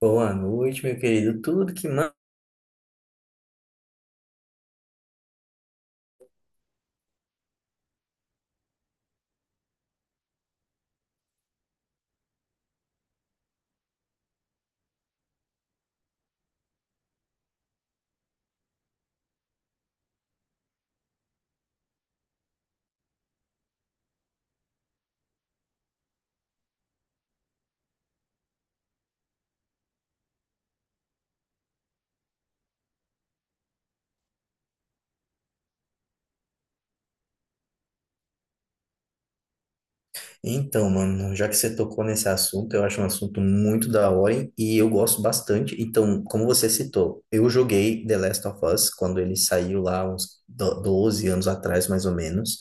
Boa noite, meu querido. Tudo que manda. Então, mano, já que você tocou nesse assunto, eu acho um assunto muito da hora hein, e eu gosto bastante. Então, como você citou, eu joguei The Last of Us quando ele saiu lá uns 12 anos atrás, mais ou menos.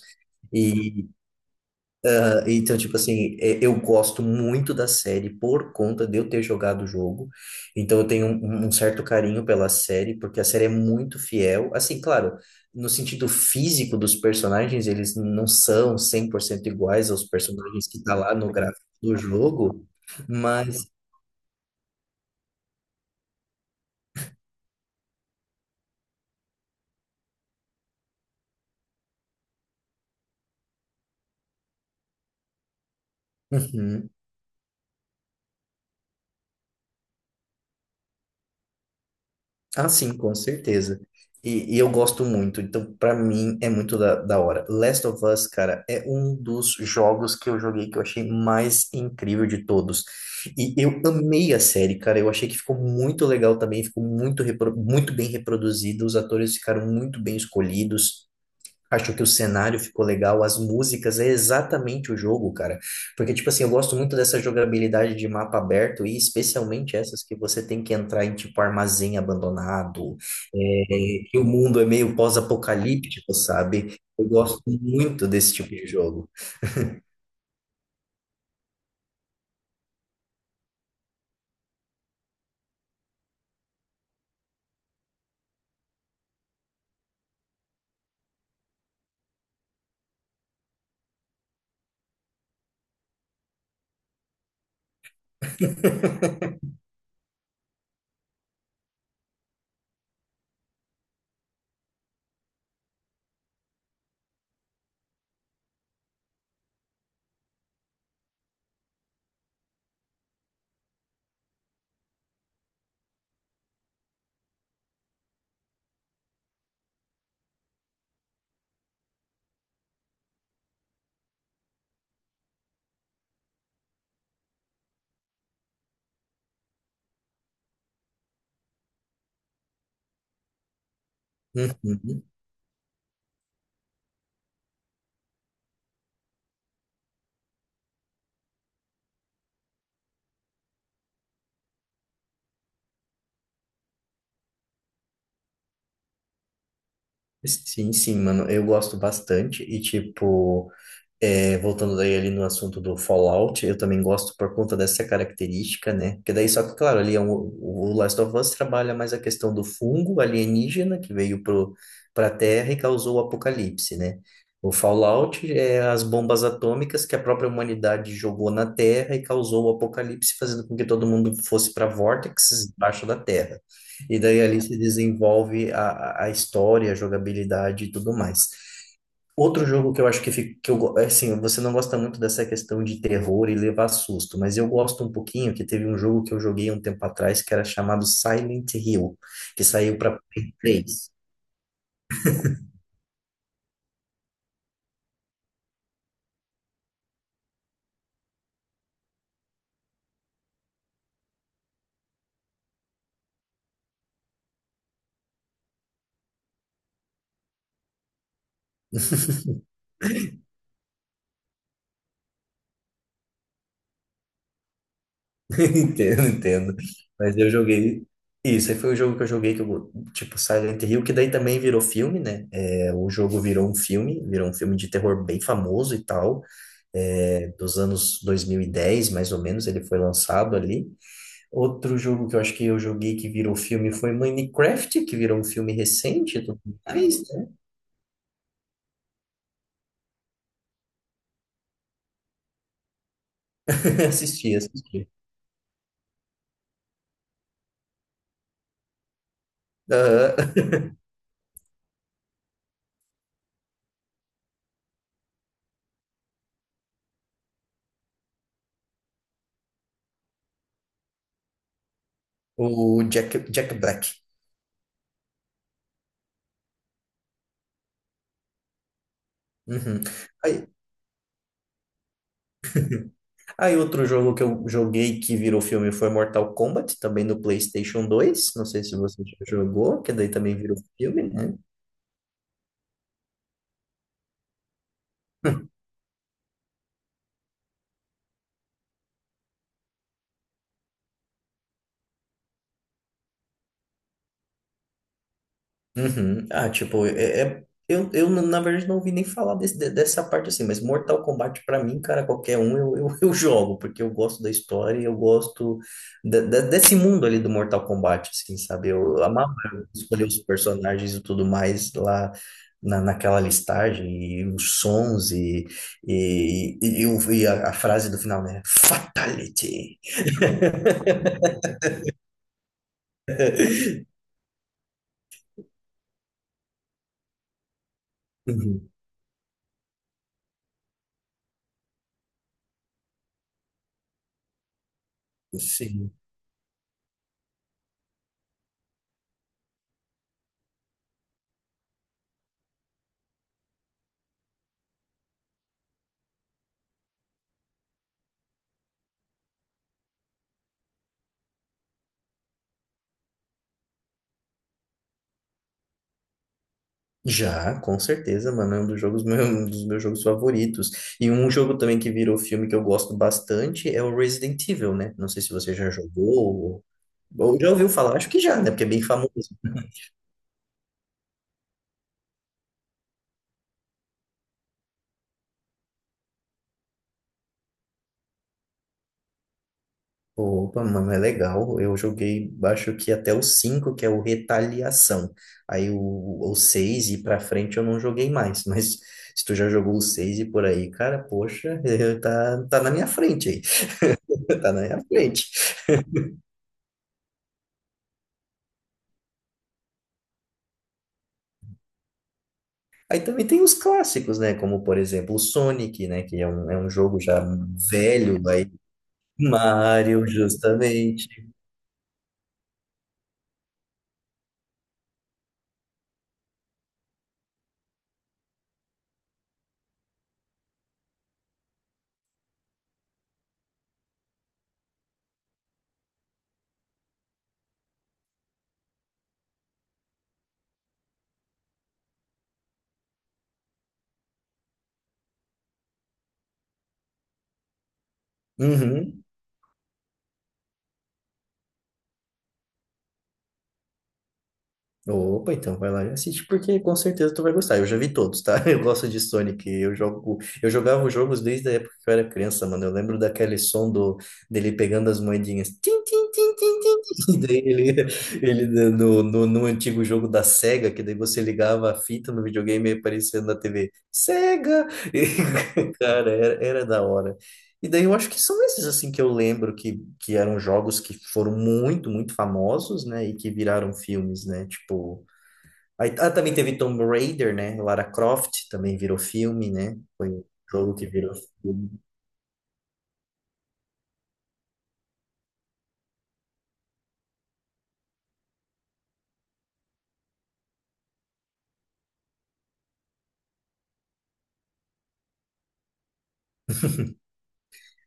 Então, tipo assim, eu gosto muito da série por conta de eu ter jogado o jogo. Então, eu tenho um certo carinho pela série, porque a série é muito fiel. Assim, claro, no sentido físico dos personagens, eles não são 100% iguais aos personagens que tá lá no gráfico do jogo, mas. Uhum. Ah, sim, com certeza. E eu gosto muito, então pra mim é muito da hora. Last of Us, cara, é um dos jogos que eu joguei que eu achei mais incrível de todos. E eu amei a série, cara. Eu achei que ficou muito legal também, ficou muito, muito bem reproduzido, os atores ficaram muito bem escolhidos. Acho que o cenário ficou legal, as músicas, é exatamente o jogo, cara. Porque, tipo assim, eu gosto muito dessa jogabilidade de mapa aberto e especialmente essas que você tem que entrar em, tipo, armazém abandonado, é, que o mundo é meio pós-apocalíptico, sabe? Eu gosto muito desse tipo de jogo. Uhum. Sim, sim, mano, eu gosto bastante. E, tipo. É, voltando daí ali no assunto do Fallout, eu também gosto por conta dessa característica, né? Porque daí, só que, claro, ali é um, o Last of Us trabalha mais a questão do fungo alienígena que veio pra Terra e causou o apocalipse, né? O Fallout é as bombas atômicas que a própria humanidade jogou na Terra e causou o apocalipse, fazendo com que todo mundo fosse para vórtices embaixo da Terra. E daí ali se desenvolve a história, a jogabilidade e tudo mais. Outro jogo que eu acho que, fica, é assim, você não gosta muito dessa questão de terror e levar susto, mas eu gosto um pouquinho que teve um jogo que eu joguei há um tempo atrás que era chamado Silent Hill, que saiu para Play 3. Entendo, entendo. Mas eu joguei. Isso, aí foi o jogo que eu joguei, tipo Silent Hill, que daí também virou filme, né? É, o jogo virou um filme de terror bem famoso e tal, é, dos anos 2010 mais ou menos, ele foi lançado ali. Outro jogo que eu acho que eu joguei que virou filme foi Minecraft, que virou um filme recente e tudo mais, né? Assisti, assisti. Aham. O Jack, Jack Black. Uhum. Aí, aí outro jogo que eu joguei que virou filme foi Mortal Kombat, também no PlayStation dois. Não sei se você já jogou, que daí também virou filme, né? Uhum. Ah, tipo, na verdade, não ouvi nem falar dessa parte assim, mas Mortal Kombat, pra mim, cara, qualquer um eu jogo, porque eu gosto da história e eu gosto desse mundo ali do Mortal Kombat, assim, sabe? Eu amava escolher os personagens e tudo mais lá naquela listagem, e os sons, eu e a frase do final, né? Fatality! Uhum. Sim. Já, com certeza, mano, é um dos jogos, meu- um dos meus jogos favoritos. E um jogo também que virou filme que eu gosto bastante é o Resident Evil, né? Não sei se você já jogou ou já ouviu falar, acho que já, né? Porque é bem famoso. Opa, mano, é legal. Eu joguei, acho que até o 5, que é o Retaliação. Aí o 6 e pra frente eu não joguei mais, mas se tu já jogou o 6 e por aí, cara, poxa, tá na minha frente aí. Tá na minha frente. Aí também tem os clássicos, né? Como, por exemplo, o Sonic, né? Que é um jogo já velho, aí Mario, justamente. Uhum. Opa, então vai lá e assiste, porque com certeza tu vai gostar. Eu já vi todos, tá? Eu gosto de Sonic. Eu jogo, eu jogava os jogos desde a época que eu era criança, mano. Eu lembro daquele som do, dele pegando as moedinhas. Tim, tim, tim, tim, tim. E daí ele no antigo jogo da Sega, que daí você ligava a fita no videogame e aparecia na TV. Sega! E, cara, era, era da hora. E daí eu acho que são esses assim que eu lembro que eram jogos que foram muito, muito famosos, né? E que viraram filmes, né? Tipo, aí, ah, também teve Tomb Raider, né? Lara Croft também virou filme, né? Foi um jogo que virou filme.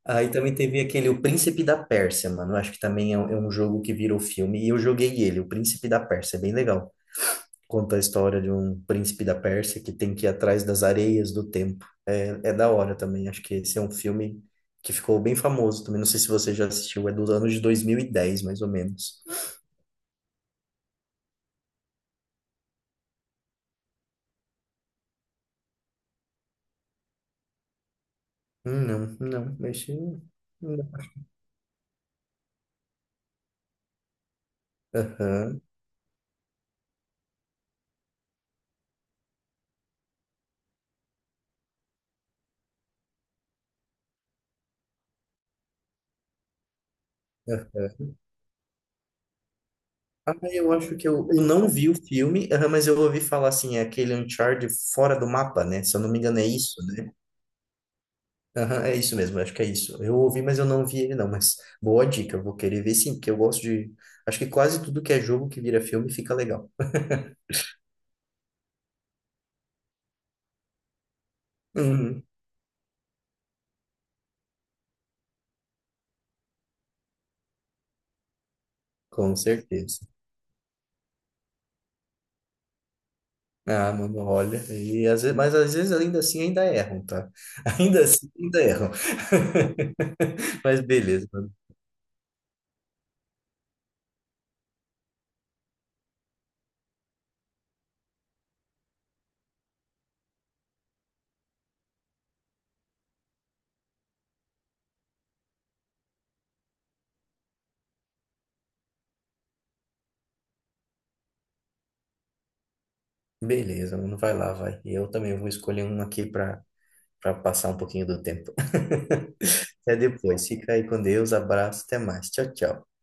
Aí também teve aquele O Príncipe da Pérsia, mano. Eu acho que também é um jogo que virou filme e eu joguei ele, O Príncipe da Pérsia, é bem legal. Conta a história de um príncipe da Pérsia que tem que ir atrás das areias do tempo. É, é da hora também. Acho que esse é um filme que ficou bem famoso também. Não sei se você já assistiu. É dos anos de 2010, mais ou menos. Não, não. Esse... não. Aham. É. Ah, eu acho que eu não vi o filme, aham, mas eu ouvi falar assim, é aquele Uncharted fora do mapa, né? Se eu não me engano, é isso, né? Aham, é isso mesmo, acho que é isso. Eu ouvi, mas eu não vi ele não, mas boa dica, eu vou querer ver sim, porque eu gosto de... Acho que quase tudo que é jogo que vira filme fica legal. Uhum, com certeza. Ah, mano, olha, e às vezes, mas às vezes ainda assim ainda erram, tá? Ainda assim ainda erram. Mas beleza, mano. Beleza, mano, vai lá, vai. E eu também vou escolher um aqui para passar um pouquinho do tempo. Até depois, fica aí com Deus, abraço, até mais. Tchau, tchau.